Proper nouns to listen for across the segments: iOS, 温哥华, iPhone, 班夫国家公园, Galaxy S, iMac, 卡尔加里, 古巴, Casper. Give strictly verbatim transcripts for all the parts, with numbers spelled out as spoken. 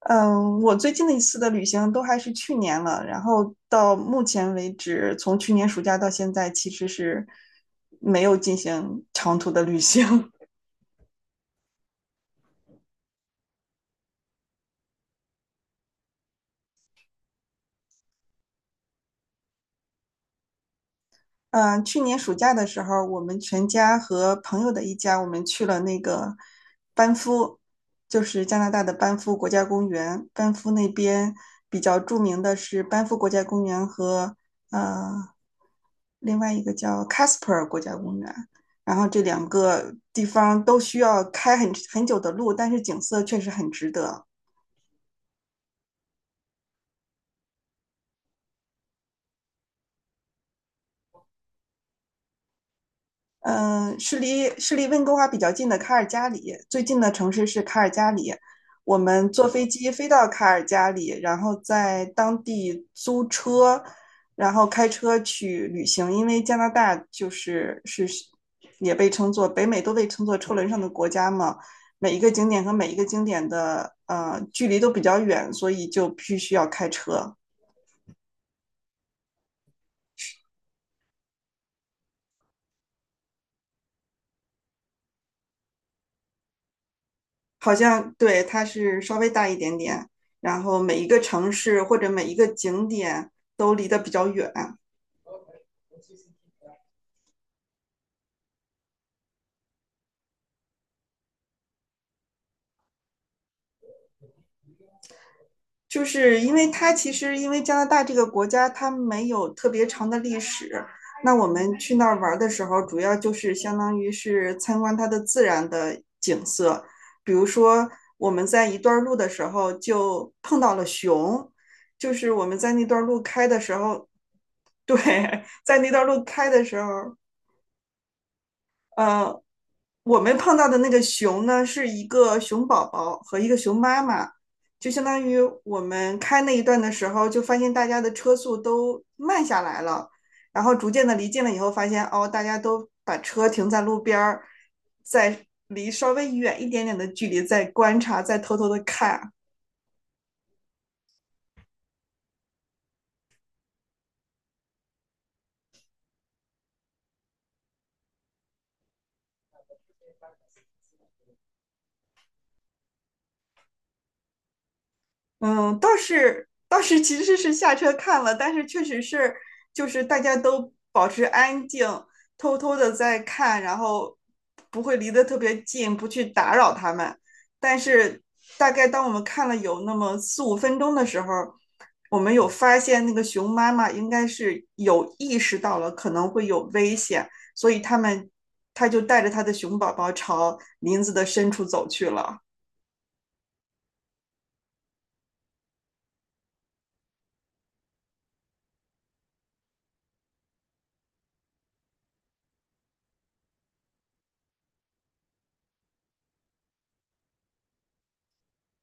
嗯，我最近的一次的旅行都还是去年了，然后到目前为止，从去年暑假到现在，其实是没有进行长途的旅行。嗯，去年暑假的时候，我们全家和朋友的一家，我们去了那个班夫，就是加拿大的班夫国家公园。班夫那边比较著名的是班夫国家公园和呃另外一个叫 Casper 国家公园。然后这两个地方都需要开很很久的路，但是景色确实很值得。嗯、呃是离是离温哥华比较近的卡尔加里，最近的城市是卡尔加里。我们坐飞机飞到卡尔加里，然后在当地租车，然后开车去旅行。因为加拿大就是是也被称作北美都被称作车轮上的国家嘛，每一个景点和每一个景点的呃距离都比较远，所以就必须要开车。好像对，它是稍微大一点点，然后每一个城市或者每一个景点都离得比较远，就是因为它其实因为加拿大这个国家它没有特别长的历史，那我们去那儿玩的时候，主要就是相当于是参观它的自然的景色，比如说我们在一段路的时候就碰到了熊，就是我们在那段路开的时候，对，在那段路开的时候。呃，我们碰到的那个熊呢，是一个熊宝宝和一个熊妈妈，就相当于我们开那一段的时候，就发现大家的车速都慢下来了，然后逐渐的离近了以后，发现哦，大家都把车停在路边儿，在离稍微远一点点的距离在观察，在偷偷的看。嗯，倒是倒是其实是下车看了，但是确实是就是大家都保持安静，偷偷的在看，然后不会离得特别近，不去打扰他们。但是大概当我们看了有那么四五分钟的时候，我们有发现那个熊妈妈应该是有意识到了可能会有危险，所以他们他就带着他的熊宝宝朝林子的深处走去了。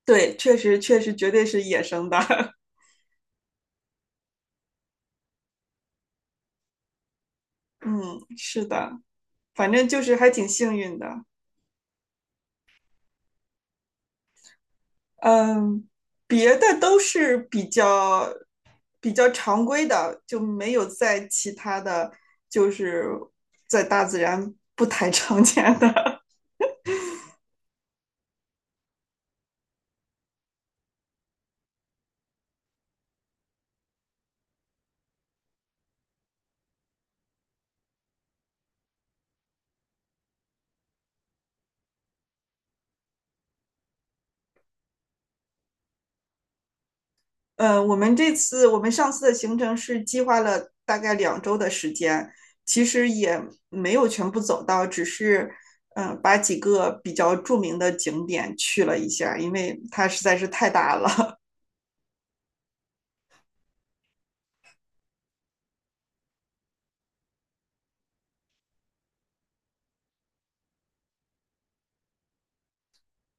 对，确实确实绝对是野生的。嗯，是的，反正就是还挺幸运的。嗯，别的都是比较比较常规的，就没有在其他的，就是在大自然不太常见的。呃，我们这次我们上次的行程是计划了大概两周的时间，其实也没有全部走到，只是嗯、呃把几个比较著名的景点去了一下，因为它实在是太大了。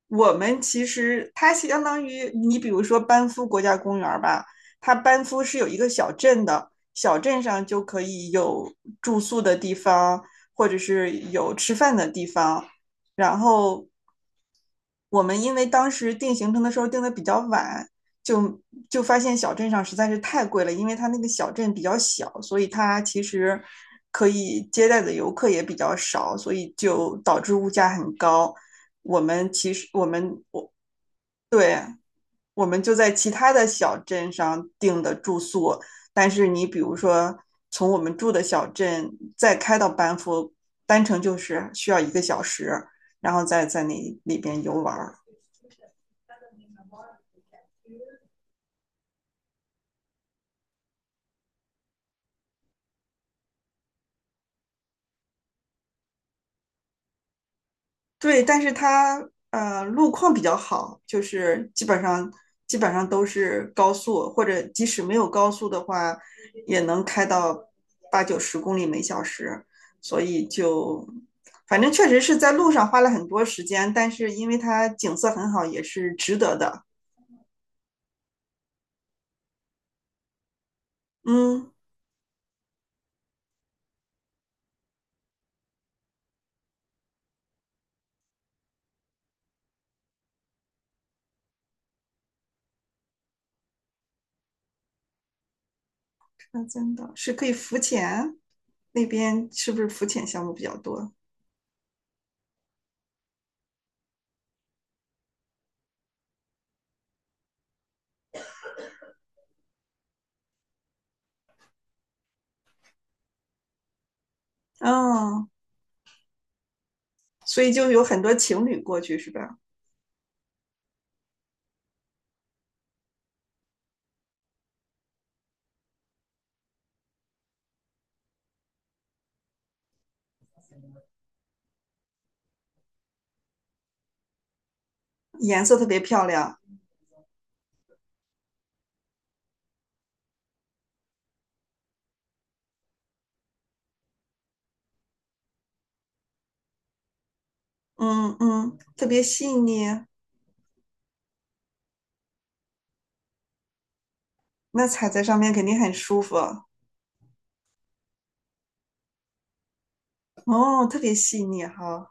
我们其实它相当于你比如说班夫国家公园吧，它班夫是有一个小镇的，小镇上就可以有住宿的地方，或者是有吃饭的地方。然后我们因为当时定行程的时候定的比较晚，就就发现小镇上实在是太贵了，因为它那个小镇比较小，所以它其实可以接待的游客也比较少，所以就导致物价很高。我们其实我们我对，我们就在其他的小镇上订的住宿，但是你比如说从我们住的小镇再开到班夫，单程就是需要一个小时，然后再在那里边游玩儿。对，但是它呃路况比较好，就是基本上基本上都是高速，或者即使没有高速的话，也能开到八九十公里每小时，所以就反正确实是在路上花了很多时间，但是因为它景色很好，也是值得的。嗯，那真的是可以浮潜，那边是不是浮潜项目比较多？嗯，所以就有很多情侣过去是吧？颜色特别漂亮，嗯嗯，特别细腻，那踩在上面肯定很舒服。哦，特别细腻哈，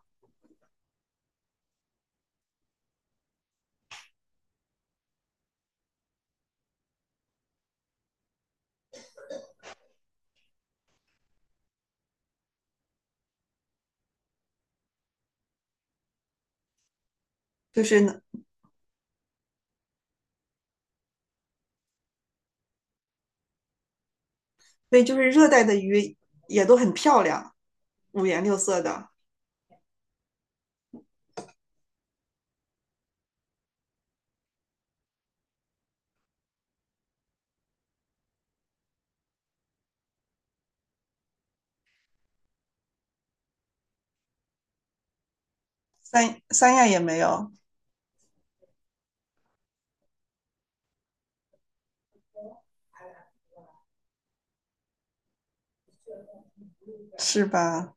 就是呢，对，就是热带的鱼也都很漂亮，五颜六色的。三三亚也没有，是吧？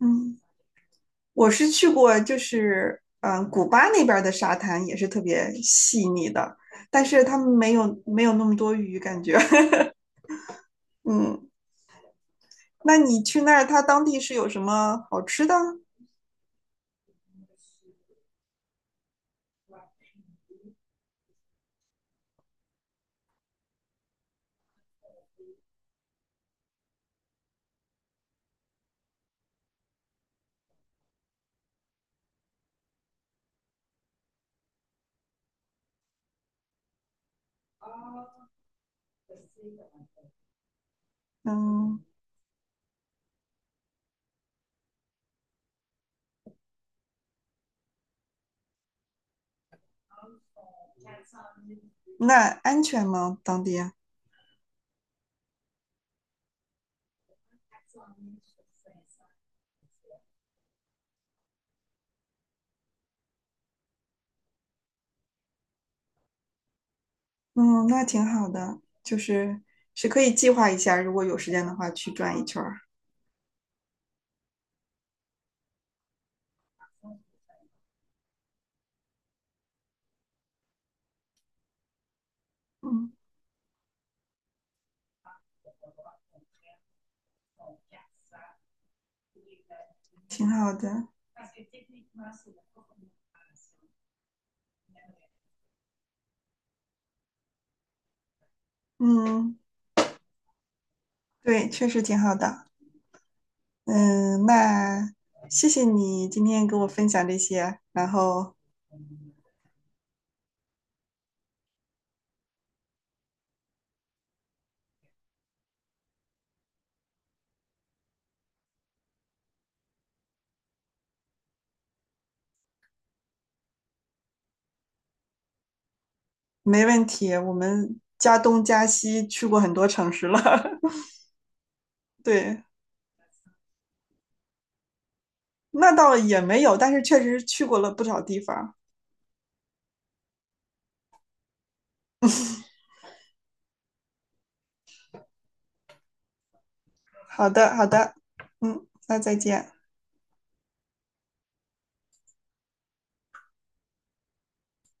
嗯，我是去过，就是嗯，古巴那边儿的沙滩也是特别细腻的，但是他们没有没有那么多鱼，感觉。嗯，那你去那儿，它当地是有什么好吃的？嗯，那安全吗？当地？嗯，那挺好的，就是是可以计划一下，如果有时间的话去转一圈儿。嗯，挺好的。嗯，对，确实挺好的。嗯，那谢谢你今天给我分享这些，然后没问题，我们加东加西去过很多城市了。对，那倒也没有，但是确实去过了不少地方。好的，好的，嗯，那再见。